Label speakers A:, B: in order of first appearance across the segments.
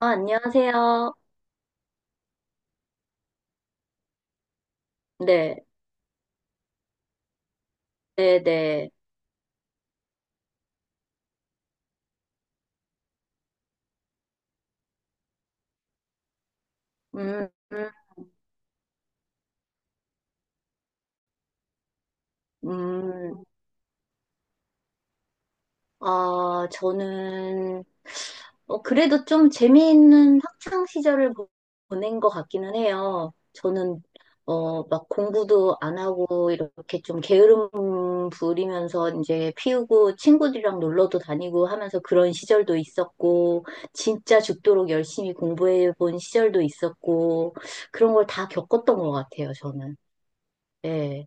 A: 아, 안녕하세요. 네, 네, 네. 음, 음, 음. 아, 저는, 그래도 좀 재미있는 학창 시절을 보낸 것 같기는 해요. 저는, 막 공부도 안 하고, 이렇게 좀 게으름 부리면서 이제 피우고, 친구들이랑 놀러도 다니고 하면서 그런 시절도 있었고, 진짜 죽도록 열심히 공부해 본 시절도 있었고, 그런 걸 다 겪었던 것 같아요, 저는. 네.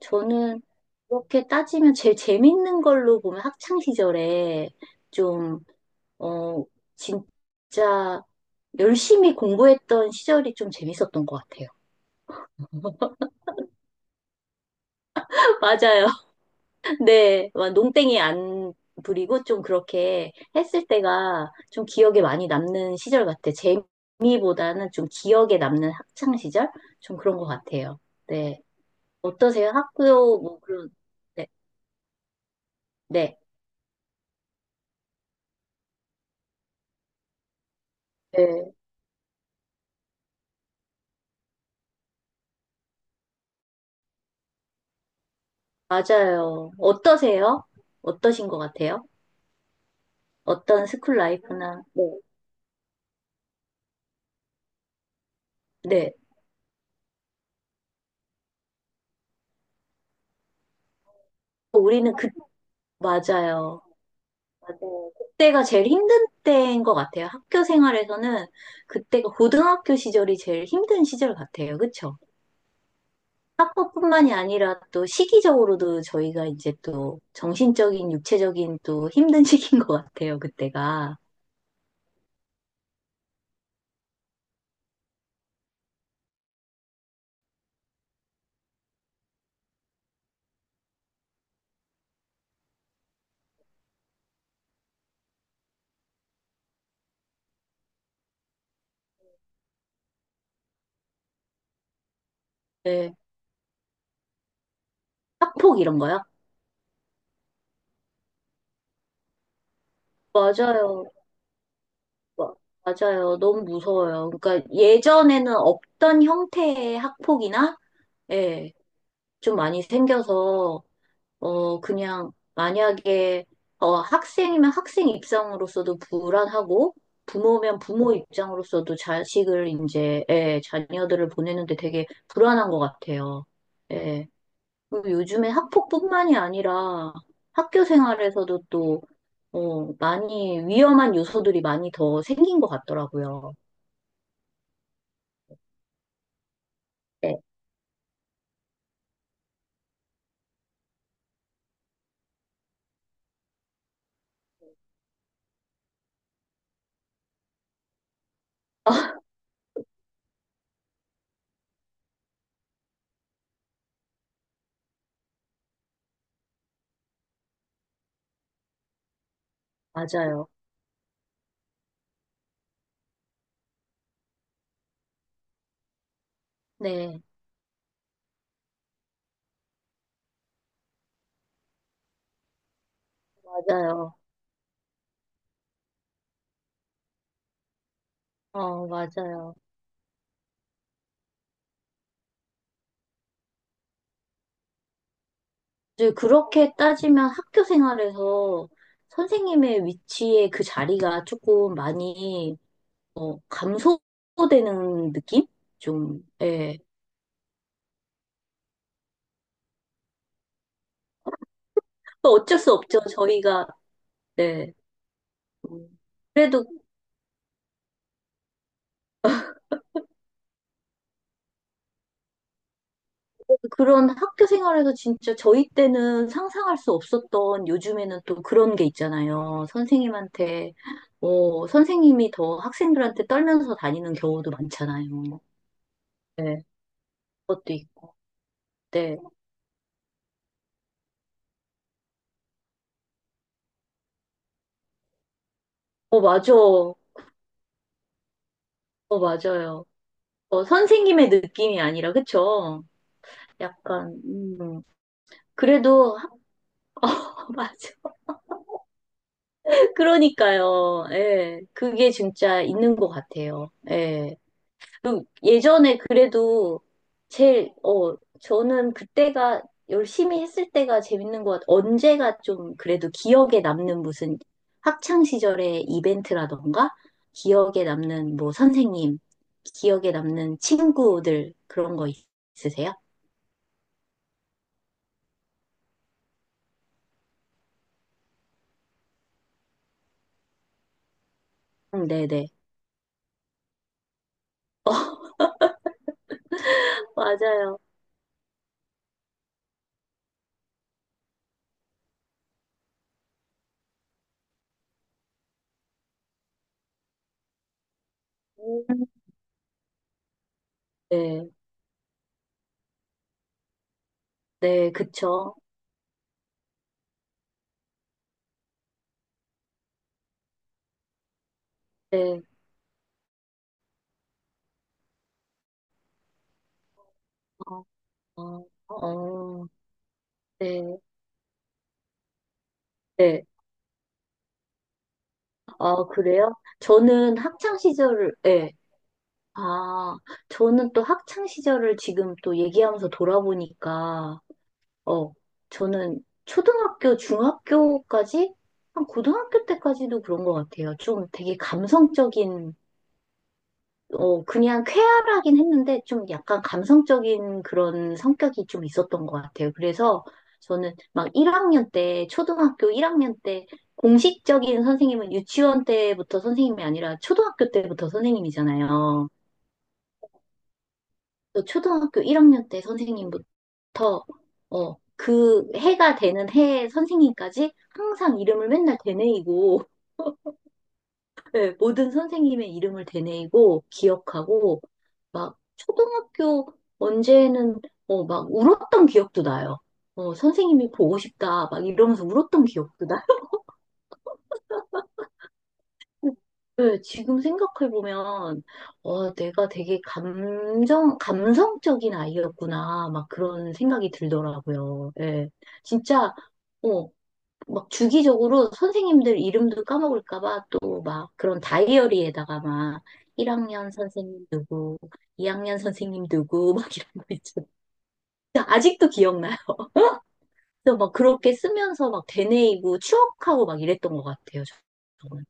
A: 저는 그렇게 따지면 제일 재밌는 걸로 보면 학창 시절에 좀, 어, 진짜 열심히 공부했던 시절이 좀 재밌었던 것 같아요. 맞아요. 네. 막 농땡이 안 부리고 좀 그렇게 했을 때가 좀 기억에 많이 남는 시절 같아요. 재미보다는 좀 기억에 남는 학창 시절? 좀 그런 것 같아요. 네. 어떠세요? 학교, 뭐, 그런, 네. 네. 네. 맞아요. 어떠세요? 어떠신 것 같아요? 어떤 스쿨 라이프나, 네. 네. 우리는 그, 맞아요. 맞아요. 그때가 제일 힘든 때인 것 같아요. 학교 생활에서는 그때가 고등학교 시절이 제일 힘든 시절 같아요. 그쵸? 학업뿐만이 아니라 또 시기적으로도 저희가 이제 또 정신적인, 육체적인 또 힘든 시기인 것 같아요. 그때가. 네. 학폭 이런 거요? 맞아요. 맞아요. 너무 무서워요. 그러니까 예전에는 없던 형태의 학폭이나, 예, 좀 많이 생겨서, 그냥 만약에, 학생이면 학생 입장으로서도 불안하고, 부모면 부모 입장으로서도 자식을 이제, 예, 자녀들을 보내는데 되게 불안한 것 같아요. 예. 그리고 요즘에 학폭뿐만이 아니라 학교 생활에서도 또, 많이 위험한 요소들이 많이 더 생긴 것 같더라고요. 예. 맞아요. 네, 맞아요. 어, 맞아요. 이제 그렇게 따지면 학교 생활에서 선생님의 위치에 그 자리가 조금 많이 감소되는 느낌? 좀, 예. 뭐 어쩔 수 없죠. 저희가, 네. 음, 그래도 그런 학교 생활에서 진짜 저희 때는 상상할 수 없었던 요즘에는 또 그런 게 있잖아요. 선생님한테, 선생님이 더 학생들한테 떨면서 다니는 경우도 많잖아요. 네, 그것도 있고. 네. 어, 맞아. 어, 맞아요. 선생님의 느낌이 아니라, 그쵸? 약간, 그래도, 어, 맞아. 그러니까요. 예, 그게 진짜 있는 것 같아요. 예. 그리고 예전에 그래도 제일, 저는 그때가 열심히 했을 때가 재밌는 것 같아요. 언제가 좀 그래도 기억에 남는 무슨 학창 시절의 이벤트라던가 기억에 남는 뭐 선생님, 기억에 남는 친구들 그런 거 있으세요? 네네. 맞아요. 음. 네, 네, 그쵸. 네, 어, 어, 어, 네, 네. 아, 그래요? 저는 학창 시절을, 네. 아, 저는 또 학창 시절을 지금 또 얘기하면서 돌아보니까, 어, 저는 초등학교, 중학교까지, 한 고등학교 때까지도 그런 것 같아요. 좀 되게 감성적인, 그냥 쾌활하긴 했는데, 좀 약간 감성적인 그런 성격이 좀 있었던 것 같아요. 그래서 저는 막 1학년 때, 초등학교 1학년 때, 공식적인 선생님은 유치원 때부터 선생님이 아니라 초등학교 때부터 선생님이잖아요. 저 초등학교 1학년 때 선생님부터 그 해가 되는 해 선생님까지 항상 이름을 맨날 되뇌이고 예, 모든 선생님의 이름을 되뇌이고 기억하고 막 초등학교 언제는 막 울었던 기억도 나요. 선생님이 보고 싶다 막 이러면서 울었던 기억도 나요. 네, 지금 생각해보면, 내가 되게 감성적인 아이였구나, 막 그런 생각이 들더라고요. 예. 진짜, 어, 막 주기적으로 선생님들 이름도 까먹을까봐 또 막 그런 다이어리에다가 막 1학년 선생님, 2학년 선생님 누구, 막 이런 거 있죠. 아직도 기억나요. 그래서 막 그렇게 쓰면서 막 되뇌이고 추억하고 막 이랬던 것 같아요, 저는.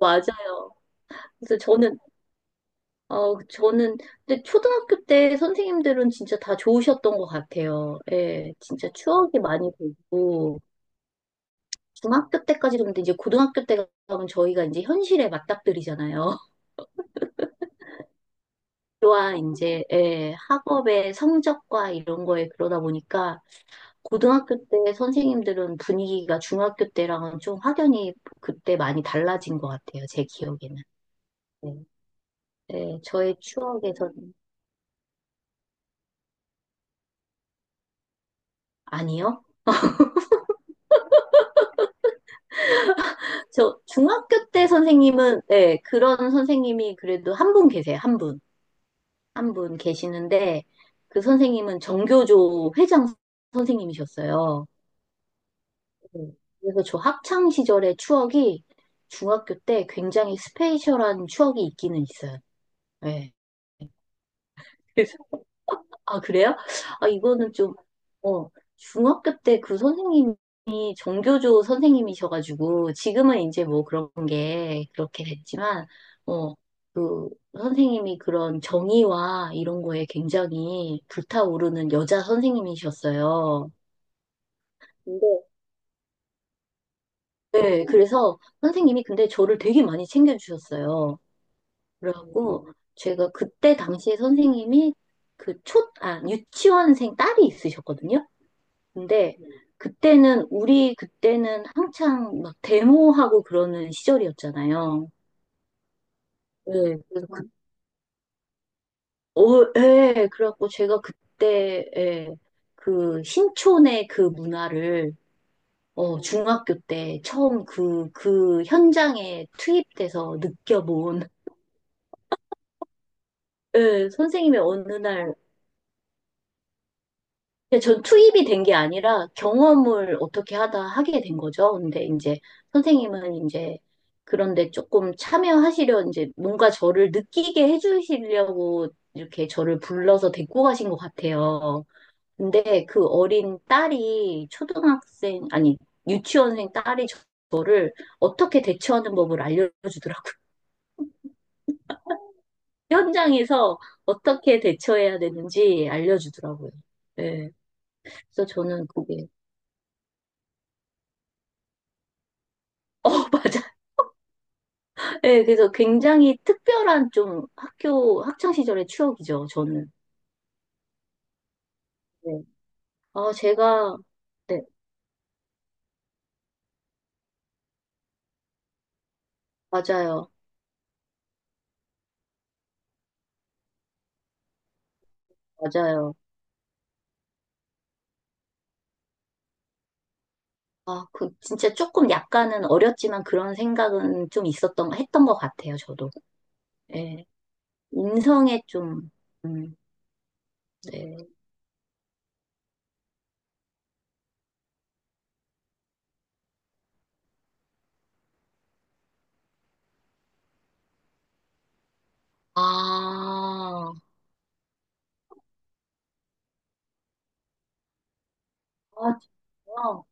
A: 맞아요. 그래서 저는, 근데 초등학교 때 선생님들은 진짜 다 좋으셨던 것 같아요. 예, 진짜 추억이 많이 되고, 중학교 때까지도 근데 이제 고등학교 때 가면 저희가 이제 현실에 맞닥뜨리잖아요. 와, 이제, 예, 학업의 성적과 이런 거에 그러다 보니까, 고등학교 때 선생님들은 분위기가 중학교 때랑은 좀 확연히 그때 많이 달라진 것 같아요. 제 기억에는. 네, 네, 저의 추억에서는 아니요. 저 중학교 때 선생님은 네, 그런 선생님이 그래도 한 분 계세요. 한 분. 한 분 계시는데 그 선생님은 정교조 회장 선생님이셨어요. 네. 그래서 저 학창 시절의 추억이 중학교 때 굉장히 스페셜한 추억이 있기는 있어요. 네. 그래서 아, 그래요? 아, 이거는 좀, 어, 중학교 때 그 선생님이 정교조 선생님이셔가지고 지금은 이제 뭐 그런 게 그렇게 됐지만 어, 그 선생님이 그런 정의와 이런 거에 굉장히 불타오르는 여자 선생님이셨어요. 근데 네, 그래서 선생님이 근데 저를 되게 많이 챙겨주셨어요. 그래갖고 제가 그때 당시에 선생님이 그 아, 유치원생 딸이 있으셨거든요. 근데 그때는 우리 그때는 한창 막 데모하고 그러는 시절이었잖아요. 네, 그래서 예, 그래갖고 제가 그때 예, 그 신촌의 그 문화를 중학교 때 처음 그 현장에 투입돼서 느껴본 예, 선생님의 어느 날 근데 전 투입이 된 게 아니라 경험을 어떻게 하다 하게 된 거죠. 근데 이제 선생님은 이제 그런데 조금 참여하시려 이제 뭔가 저를 느끼게 해주시려고 이렇게 저를 불러서 데리고 가신 것 같아요. 근데 그 어린 딸이 초등학생, 아니, 유치원생 딸이 저를 어떻게 대처하는 법을 알려주더라고요. 현장에서 어떻게 대처해야 되는지 알려주더라고요. 네. 그래서 저는 그게, 어, 맞아요. 네, 그래서 굉장히 특별한 좀 학교, 학창 시절의 추억이죠, 저는. 네. 아, 제가, 네, 맞아요. 맞아요. 아, 그, 진짜 조금 약간은 어렸지만 그런 생각은 좀 있었던, 했던 것 같아요, 저도. 예. 인성에 좀, 음, 네. 아, 아, 진짜.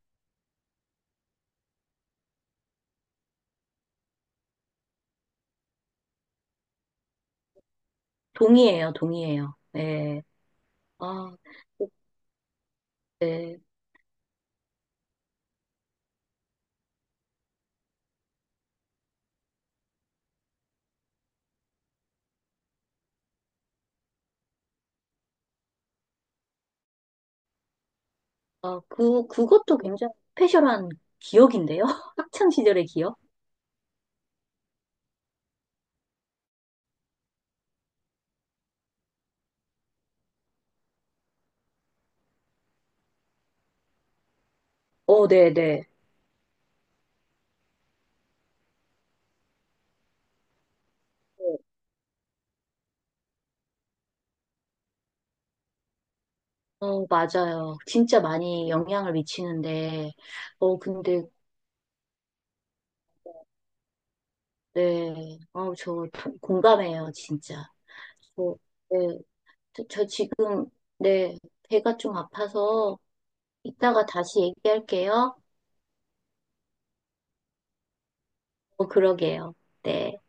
A: 동의해요, 동의해요. 예. 아, 네. 아, 그것도 굉장히 스페셜한 기억인데요? 학창 시절의 기억? 어, 네, 네. 어, 맞아요. 진짜 많이 영향을 미치는데, 근데, 네, 저 공감해요, 진짜. 저, 네, 저 지금, 네, 배가 좀 아파서 이따가 다시 얘기할게요. 어, 그러게요. 네.